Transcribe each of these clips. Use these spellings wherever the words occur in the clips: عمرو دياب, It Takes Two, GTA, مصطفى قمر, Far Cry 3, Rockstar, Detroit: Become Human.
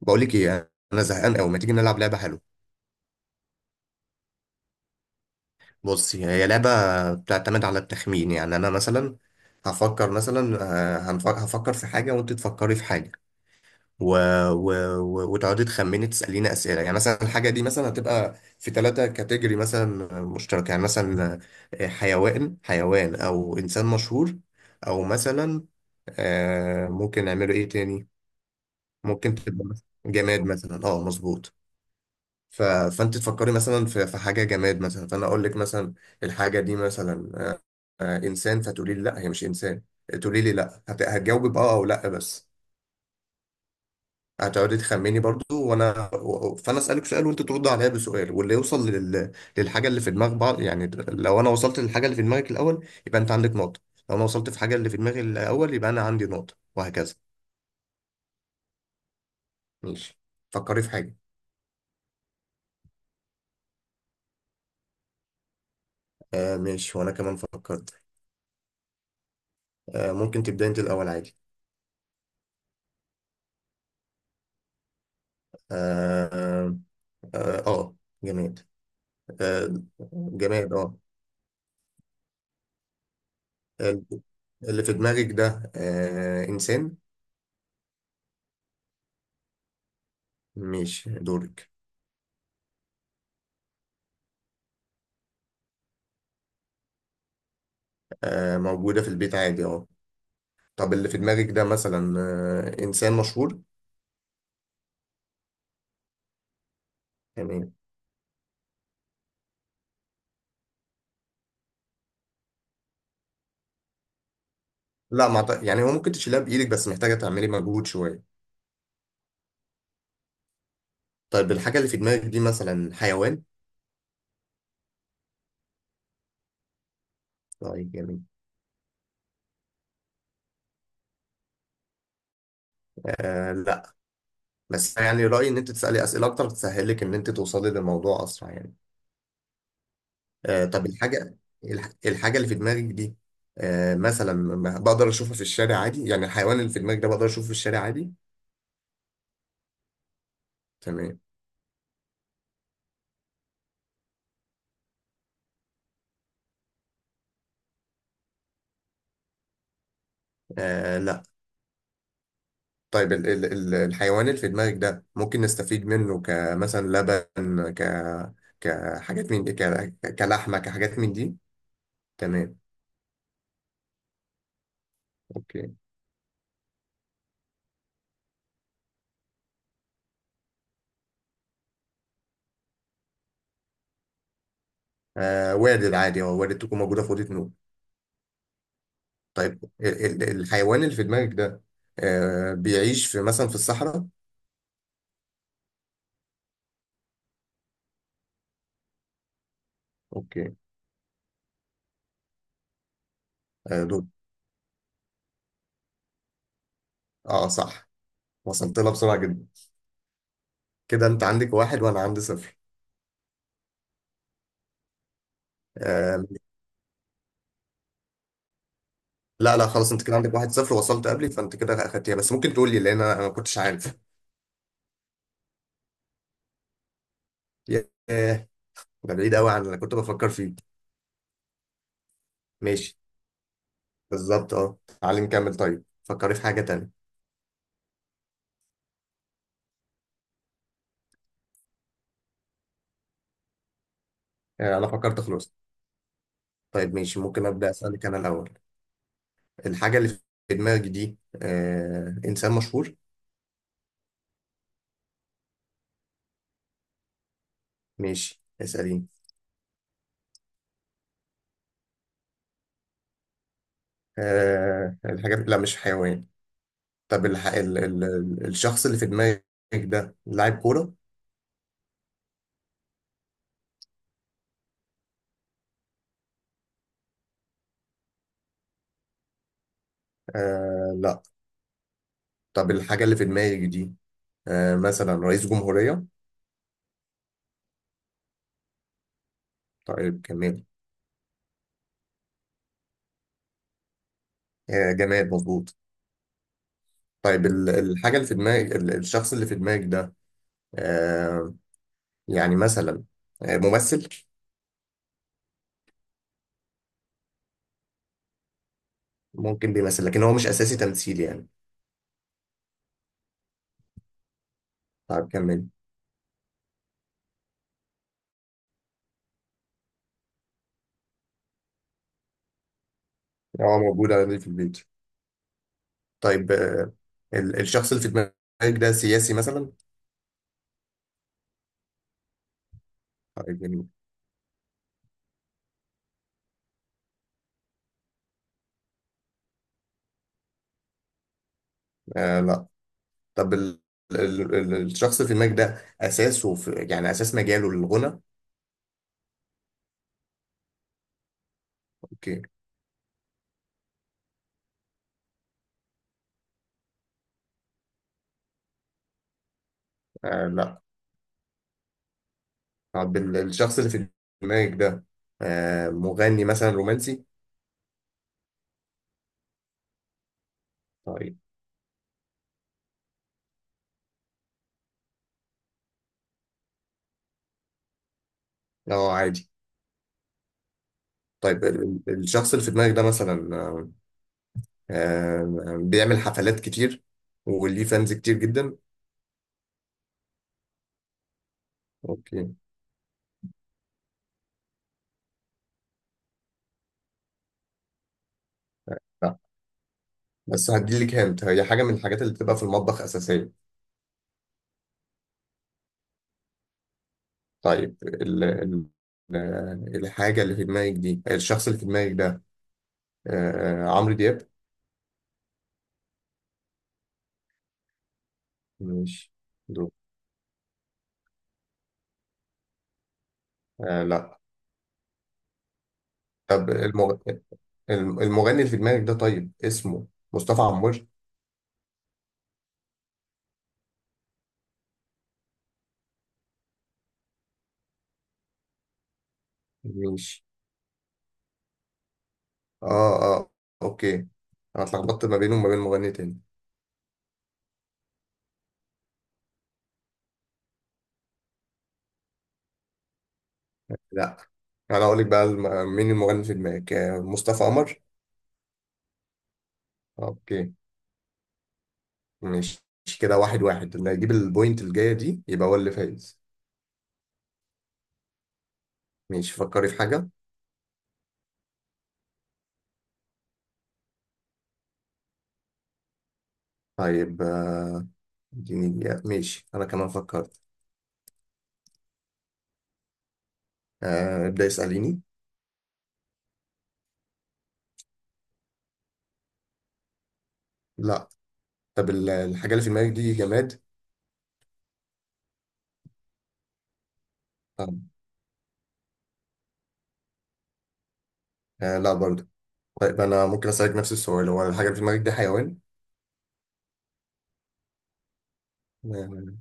بقول لك ايه، انا زهقان قوي. ما تيجي نلعب لعبه حلوه؟ بصي، هي لعبه بتعتمد على التخمين. يعني انا مثلا هفكر مثلا، هفكر في حاجه وانت تفكري في حاجه و... و... و... وتقعدي تخمني، تساليني اسئله. يعني مثلا الحاجه دي مثلا هتبقى في ثلاثه كاتيجوري مثلا مشتركه. يعني مثلا حيوان او انسان مشهور، او مثلا ممكن نعمله ايه تاني. ممكن تبقى مثلاً جماد مثلا، اه مظبوط. فانت تفكري مثلا في حاجه جماد مثلا، فانا اقول لك مثلا الحاجه دي مثلا انسان، فتقولي لي لا هي مش انسان. تقولي لي لا. هتجاوبي باه او لا بس. هتقعدي تخمني برضو. فانا اسالك سؤال وانت ترد عليا بسؤال، واللي يوصل للحاجه اللي في دماغ بعض. يعني لو انا وصلت للحاجه اللي في دماغك الاول، يبقى انت عندك نقطه. لو انا وصلت في حاجه اللي في دماغي الاول، يبقى انا عندي نقطه، وهكذا. ماشي، فكري في حاجه. آه ماشي، وانا كمان فكرت. آه، ممكن تبداي انت الاول عادي. آه. اه آه، جماد. آه، جماد اه. اللي في دماغك ده آه، انسان؟ مش دورك. آه، موجودة في البيت عادي اه. طب اللي في دماغك ده مثلا آه، انسان مشهور؟ تمام. لا ما أعت- يعني هو ممكن تشيلها بايدك، بس محتاجة تعملي مجهود شوية. طيب الحاجة اللي في دماغك دي مثلا حيوان؟ طيب جميل. آه لا. بس يعني رأيي ان انت تسألي اسئلة اكتر، تسهلك ان انت توصلي للموضوع اسرع يعني. آه، طب الحاجة الحاجة اللي في دماغك دي مثلا، بقدر اشوفها في الشارع عادي؟ يعني الحيوان اللي في دماغك ده، بقدر اشوفه في الشارع عادي؟ تمام. آه لا. طيب الحيوان اللي في دماغك ده، ممكن نستفيد منه كمثلا لبن، ك كحاجات من دي ك... كلحمة، كحاجات من دي؟ تمام. اوكي. آه وارد عادي، هو وارد تكون موجودة في أوضة نوم. طيب ال ال الحيوان اللي في دماغك ده آه، بيعيش مثلا في الصحراء؟ اوكي. آه دول. اه صح، وصلت لها بسرعة جدا. كده انت عندك واحد وانا عندي صفر. آه. لا، خلاص انت كده عندك واحد صفر، وصلت قبلي. فانت كده اخدتيها. بس ممكن تقول لي، لان أنا ما كنتش عارف. ياه، ده بعيد قوي عن اللي كنت بفكر فيه. ماشي، بالظبط اه. تعالي نكمل. طيب فكري في حاجه تانية. آه انا فكرت خلاص. طيب ماشي، ممكن ابدا اسالك انا الاول. الحاجه اللي في دماغي دي آه، انسان مشهور. ماشي اساليني. آه الحاجه لا، مش حيوان. طب الح... ال... ال... ال- الشخص اللي في دماغك ده لاعب كوره؟ آه لا. طب الحاجة اللي في دماغي دي آه مثلا رئيس جمهورية. طيب كمال. آه جمال، مظبوط. طيب ال- الحاجة اللي في دماغك ال- الشخص اللي في دماغك ده آه، يعني مثلا آه ممثل؟ ممكن بيمثل، لكن هو مش أساسي تمثيل يعني. طيب كمل. هو موجود عندي في البيت. طيب آه، ال- الشخص اللي في دماغك ده سياسي مثلا؟ طيب جميل. آه لا. طب الشخص اللي في دماغك ده أساسه في، يعني أساس مجاله للغنى؟ أوكي. آه لا. طب ال- الشخص اللي في دماغك ده آه، مغني مثلا رومانسي؟ طيب. اه عادي. طيب الشخص اللي في دماغك ده مثلا بيعمل حفلات كتير، وليه فانز كتير جدا؟ اوكي. لا بس هديلك، هنت هي حاجة من الحاجات اللي بتبقى في المطبخ أساسية. طيب ال ال ال- الحاجة اللي في دماغك دي الشخص اللي في دماغك ده آه، عمرو دياب؟ ماشي. دول. آه لا. طب المغني اللي في دماغك ده، طيب اسمه مصطفى عمور؟ ماشي. اه. اوكي، انا اتلخبطت ما بينه وما بين مغني تاني. لا، انا اقول لك بقى، مين المغني في دماغك؟ آه، مصطفى قمر. اوكي. ماشي. كده واحد واحد، اللي هيجيب البوينت الجاية دي يبقى هو اللي فايز. ماشي، فكري في حاجة. طيب آه، اديني دقيقة. ماشي، انا كمان فكرت. آه، ابدأ اسأليني. لا. طب ال- الحاجة اللي في دماغك دي جماد؟ آه. آه لا برضه. طيب انا ممكن اسألك نفس السؤال، هو الحاجة اللي في دماغك دي حيوان؟ آه،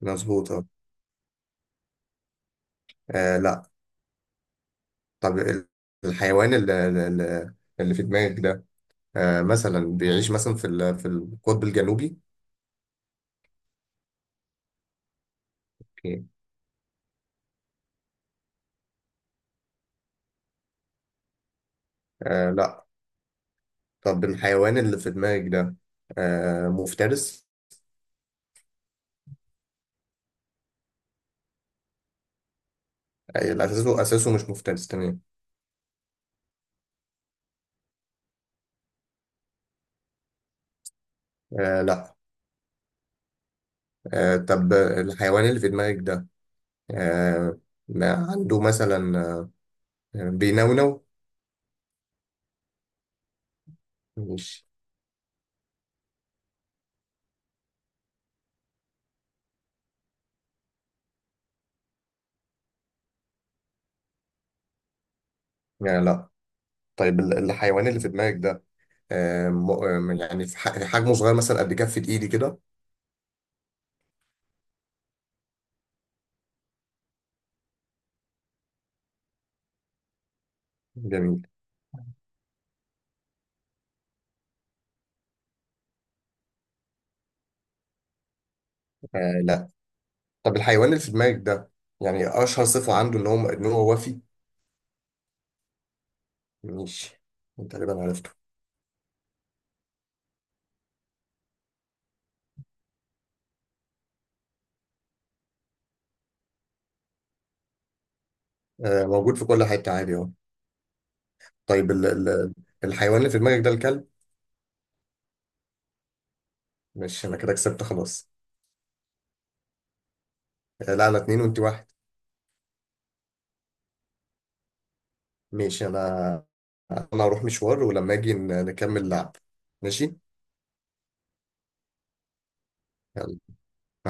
مظبوط اه. آه، لا. طب ال- الحيوان اللي في دماغك ده آه، مثلا بيعيش مثلا في القطب الجنوبي؟ اوكي. آه لا. طب الحيوان اللي في دماغك ده آه، مفترس؟ آه، لا، اساسه مش مفترس. تمام. آه لا. آه، طب الحيوان اللي في دماغك ده آه، ما عنده مثلا آه بينونو؟ مش. آه لا. طيب ال- الحيوان اللي في دماغك ده آه م- يعني حجمه صغير مثلا، قد كفة ايدي كده؟ جميل. آه لا. طب الحيوان اللي في دماغك ده، يعني اشهر صفة عنده ان هو وفي؟ ماشي. أنت تقريبا عرفته. آه موجود في كل حتة عادي اهو. طيب ال ال الحيوان اللي في دماغك ده الكلب؟ ماشي، انا كده كسبت خلاص. آه لا، انا اتنين وانت واحد. ماشي. انا هروح مشوار، ولما اجي نكمل لعب. ماشي، يلا، مع السلامة.